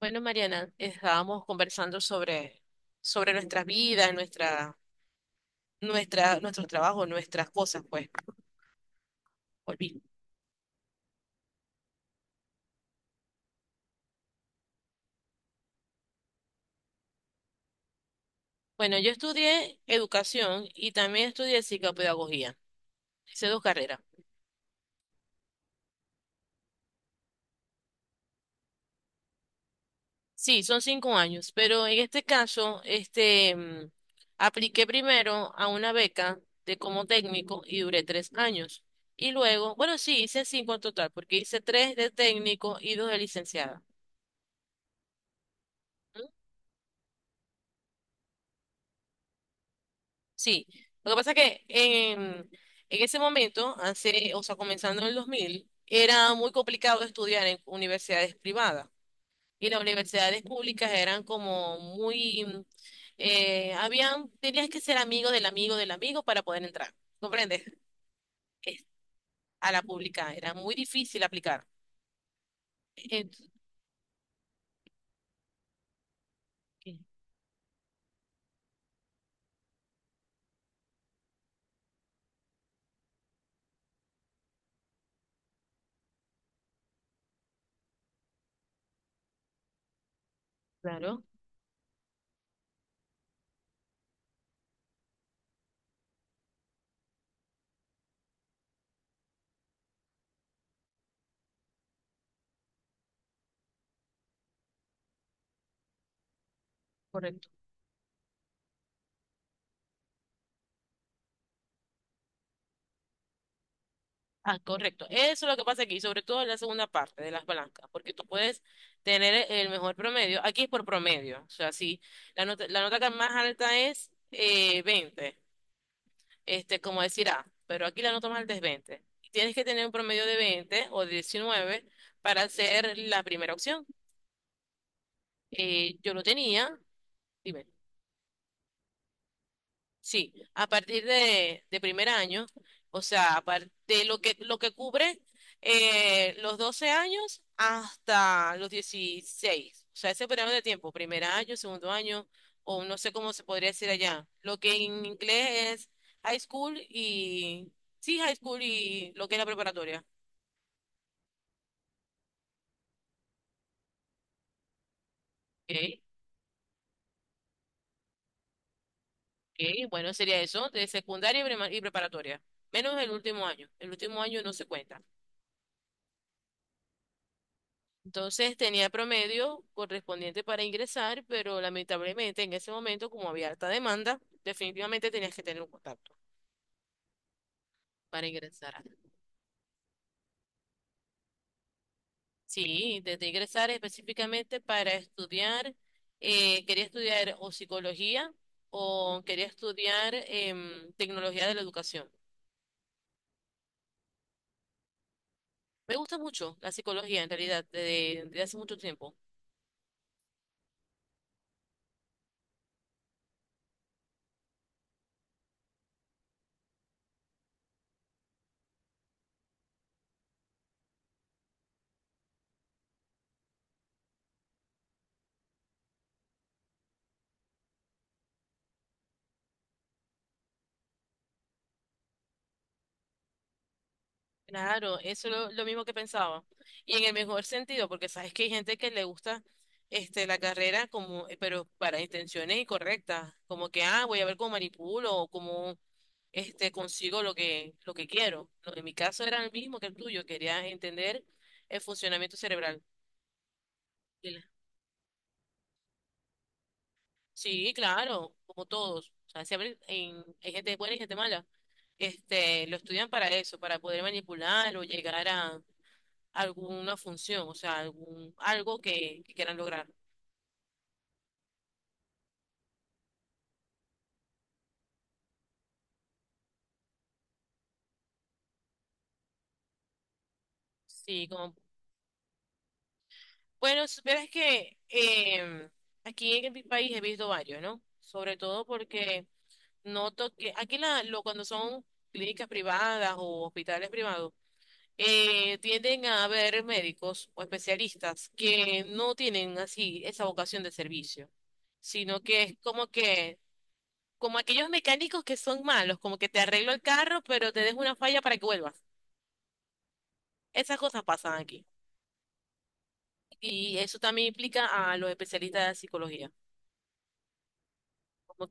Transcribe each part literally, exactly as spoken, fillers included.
Bueno, Mariana, estábamos conversando sobre, sobre nuestras vidas, nuestra, nuestra, nuestros trabajos, nuestras cosas, pues. Volví. Bueno, yo estudié educación y también estudié psicopedagogía. Hice dos carreras. Sí, son cinco años, pero en este caso, este, mm, apliqué primero a una beca de como técnico y duré tres años. Y luego, bueno, sí, hice cinco en total, porque hice tres de técnico y dos de licenciada. Sí, lo que pasa es que en, en ese momento, hace, o sea, comenzando en el dos mil era muy complicado estudiar en universidades privadas, y las universidades públicas eran como muy, mm, eh, habían, tenías que ser amigo del amigo del amigo para poder entrar, ¿comprendes? Es- A la pública era muy difícil aplicar. Ent- Claro, correcto. Ah, correcto. Eso es lo que pasa aquí, sobre todo en la segunda parte de las blancas, porque tú puedes tener el mejor promedio. Aquí es por promedio. O sea, si la nota, la nota que más alta es eh, veinte, este, como decir A, pero aquí la nota más alta es veinte. Tienes que tener un promedio de veinte o de diecinueve para ser la primera opción. Eh, yo lo tenía. Dime. Sí, a partir de, de primer año, o sea, a par- de lo que, lo que cubre eh, los doce años hasta los dieciséis, o sea, ese periodo de tiempo, primer año, segundo año, o no sé cómo se podría decir allá, lo que en inglés es high school y, sí, high school y lo que es la preparatoria. Ok, ok, bueno, sería eso, de secundaria y prima- y preparatoria, menos el último año, el último año no se cuenta. Entonces tenía promedio correspondiente para ingresar, pero lamentablemente en ese momento, como había alta demanda, definitivamente tenías que tener un contacto para ingresar. Sí, intenté ingresar específicamente para estudiar, eh, quería estudiar o psicología o quería estudiar em, tecnología de la educación. Me gusta mucho la psicología en realidad desde, desde hace mucho tiempo. Claro, eso es lo, lo mismo que pensaba. Y en el mejor sentido, porque sabes que hay gente que le gusta este, la carrera como, eh, pero para intenciones incorrectas, como que, ah, voy a ver cómo manipulo o cómo este, consigo lo que, lo que quiero. Lo- En mi caso era el mismo que el tuyo, quería entender el funcionamiento cerebral. Y la- Sí, claro, como todos. O sea, siempre en- hay gente buena y gente mala. Este, lo estudian para eso, para poder manipular o llegar a alguna función, o sea, algún, algo que, que quieran lograr. Sí, como, bueno, supieras que em, aquí en mi país he visto varios, ¿no? Sobre todo porque noto que aquí la, lo, cuando son clínicas privadas o hospitales privados, eh, tienden a haber médicos o especialistas que no tienen así esa vocación de servicio, sino que es como que, como aquellos mecánicos que son malos, como que te arreglo el carro, pero te dejo una falla para que vuelvas. Esas cosas pasan aquí. Y eso también implica a los especialistas de psicología. Como-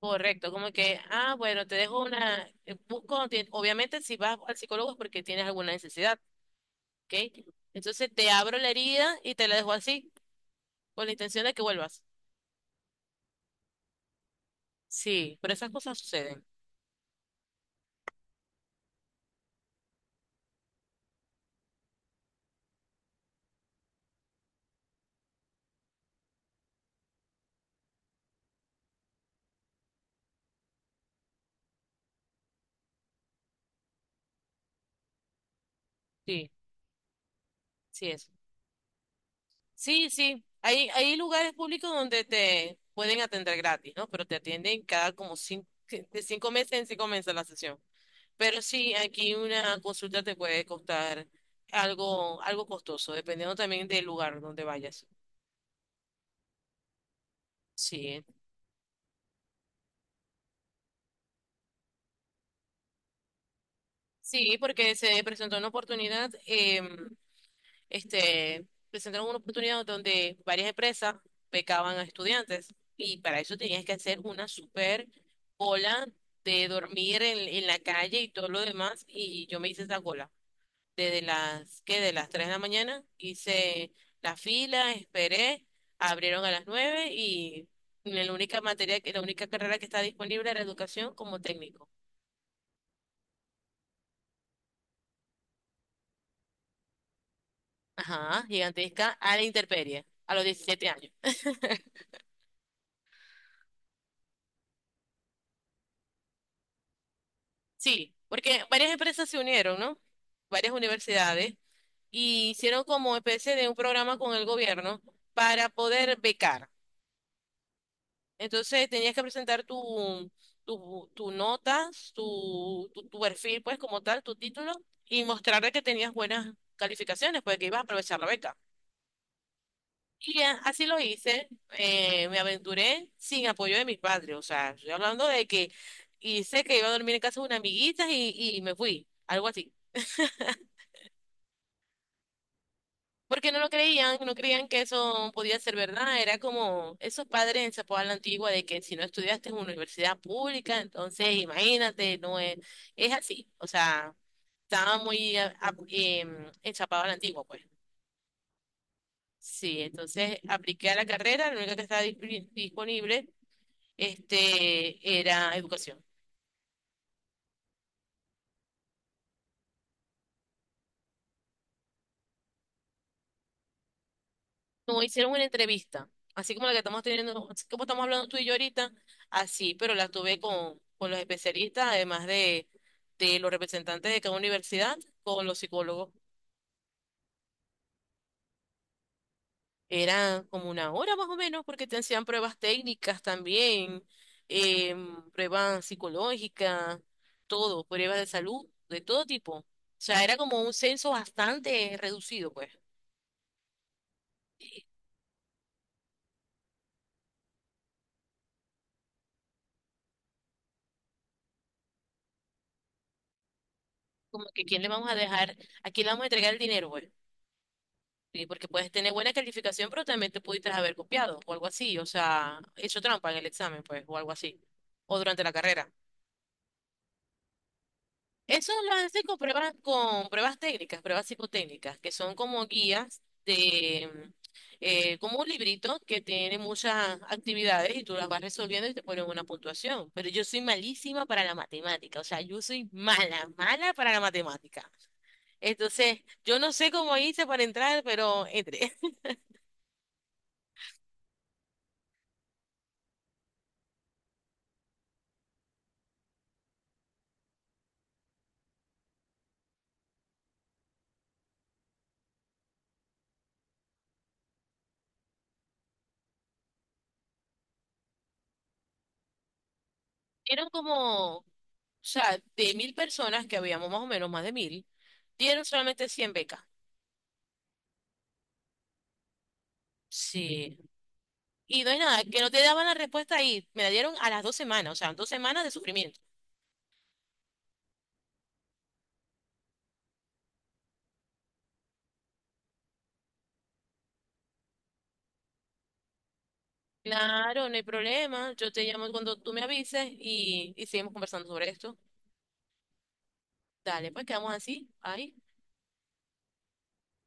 Correcto, como que, ah, bueno, te dejo una, eh, busco, ti- obviamente si vas al psicólogo es porque tienes alguna necesidad, ¿ok? Entonces te abro la herida y te la dejo así, con la intención de que vuelvas. Sí, pero esas cosas suceden. Sí, sí es. Sí, sí. Hay, hay lugares públicos donde te pueden atender gratis, ¿no? Pero te atienden cada como cinco, de cinco meses en cinco meses la sesión. Pero sí, aquí una consulta te puede costar algo, algo costoso, dependiendo también del lugar donde vayas. Sí, sí, porque se presentó una oportunidad, eh, este, presentaron una oportunidad donde varias empresas becaban a estudiantes y para eso tenías que hacer una super cola de dormir en, en la calle y todo lo demás, y yo me hice esa cola. desde las, ¿qué? De las tres de la mañana, hice la fila, esperé, abrieron a las nueve y la única materia, que- la única carrera que está disponible era educación como técnico. Ajá, gigantesca a la intemperie, a los diecisiete años. Sí, porque varias empresas se unieron, ¿no? Varias universidades y hicieron como especie de un programa con el gobierno para poder becar. Entonces tenías que presentar tu, tu, tu notas, tu, tu, tu perfil, pues como tal, tu título, y mostrarle que tenías buenas calificaciones, pues que ibas a aprovechar la beca. Y a- así lo hice, eh, me aventuré sin apoyo de mis padres, o sea, estoy hablando de que hice que iba a dormir en casa de una amiguita y, y me fui, algo así. Porque no lo creían, no creían que eso podía ser verdad. Era como esos padres en Zapopan la Antigua de que si no estudiaste en una universidad pública, entonces imagínate, no es, es así. O sea, estaba muy a- a- em, enchapado a la Antigua, pues. Sí, entonces apliqué a la carrera, la única que estaba disp- disponible, este, era educación. No, hicieron una entrevista, así como la que estamos teniendo, así como estamos hablando tú y yo ahorita, así, pero la tuve con, con los especialistas, además de, de los representantes de cada universidad, con los psicólogos. Era como una hora más o menos, porque te hacían pruebas técnicas también, em, pruebas psicológicas, todo, pruebas de salud, de todo tipo. O sea, era como un censo bastante reducido, pues. Como que quién le vamos a dejar, a quién le vamos a entregar el dinero, pues. Sí, porque puedes tener buena calificación, pero también te pudiste haber copiado o algo así, o sea, hecho trampa en el examen, pues, o algo así, o durante la carrera. Eso lo hacen con pruebas, con pruebas técnicas, pruebas psicotécnicas, que son como guías de, eh, como un librito que tiene muchas actividades y tú las vas resolviendo y te ponen una puntuación. Pero yo soy malísima para la matemática, o sea, yo soy mala, mala para la matemática. Entonces, yo no sé cómo hice para entrar, pero entré. Eran como O sea, de mil personas, que habíamos más o menos más de mil, dieron solamente cien becas. Sí. Y no es nada, que no te daban la respuesta ahí. Me la dieron a las dos semanas, o sea, dos semanas de sufrimiento. Claro, no hay problema. Yo te llamo cuando tú me avises y, y seguimos conversando sobre esto. Dale, pues quedamos así. Ahí.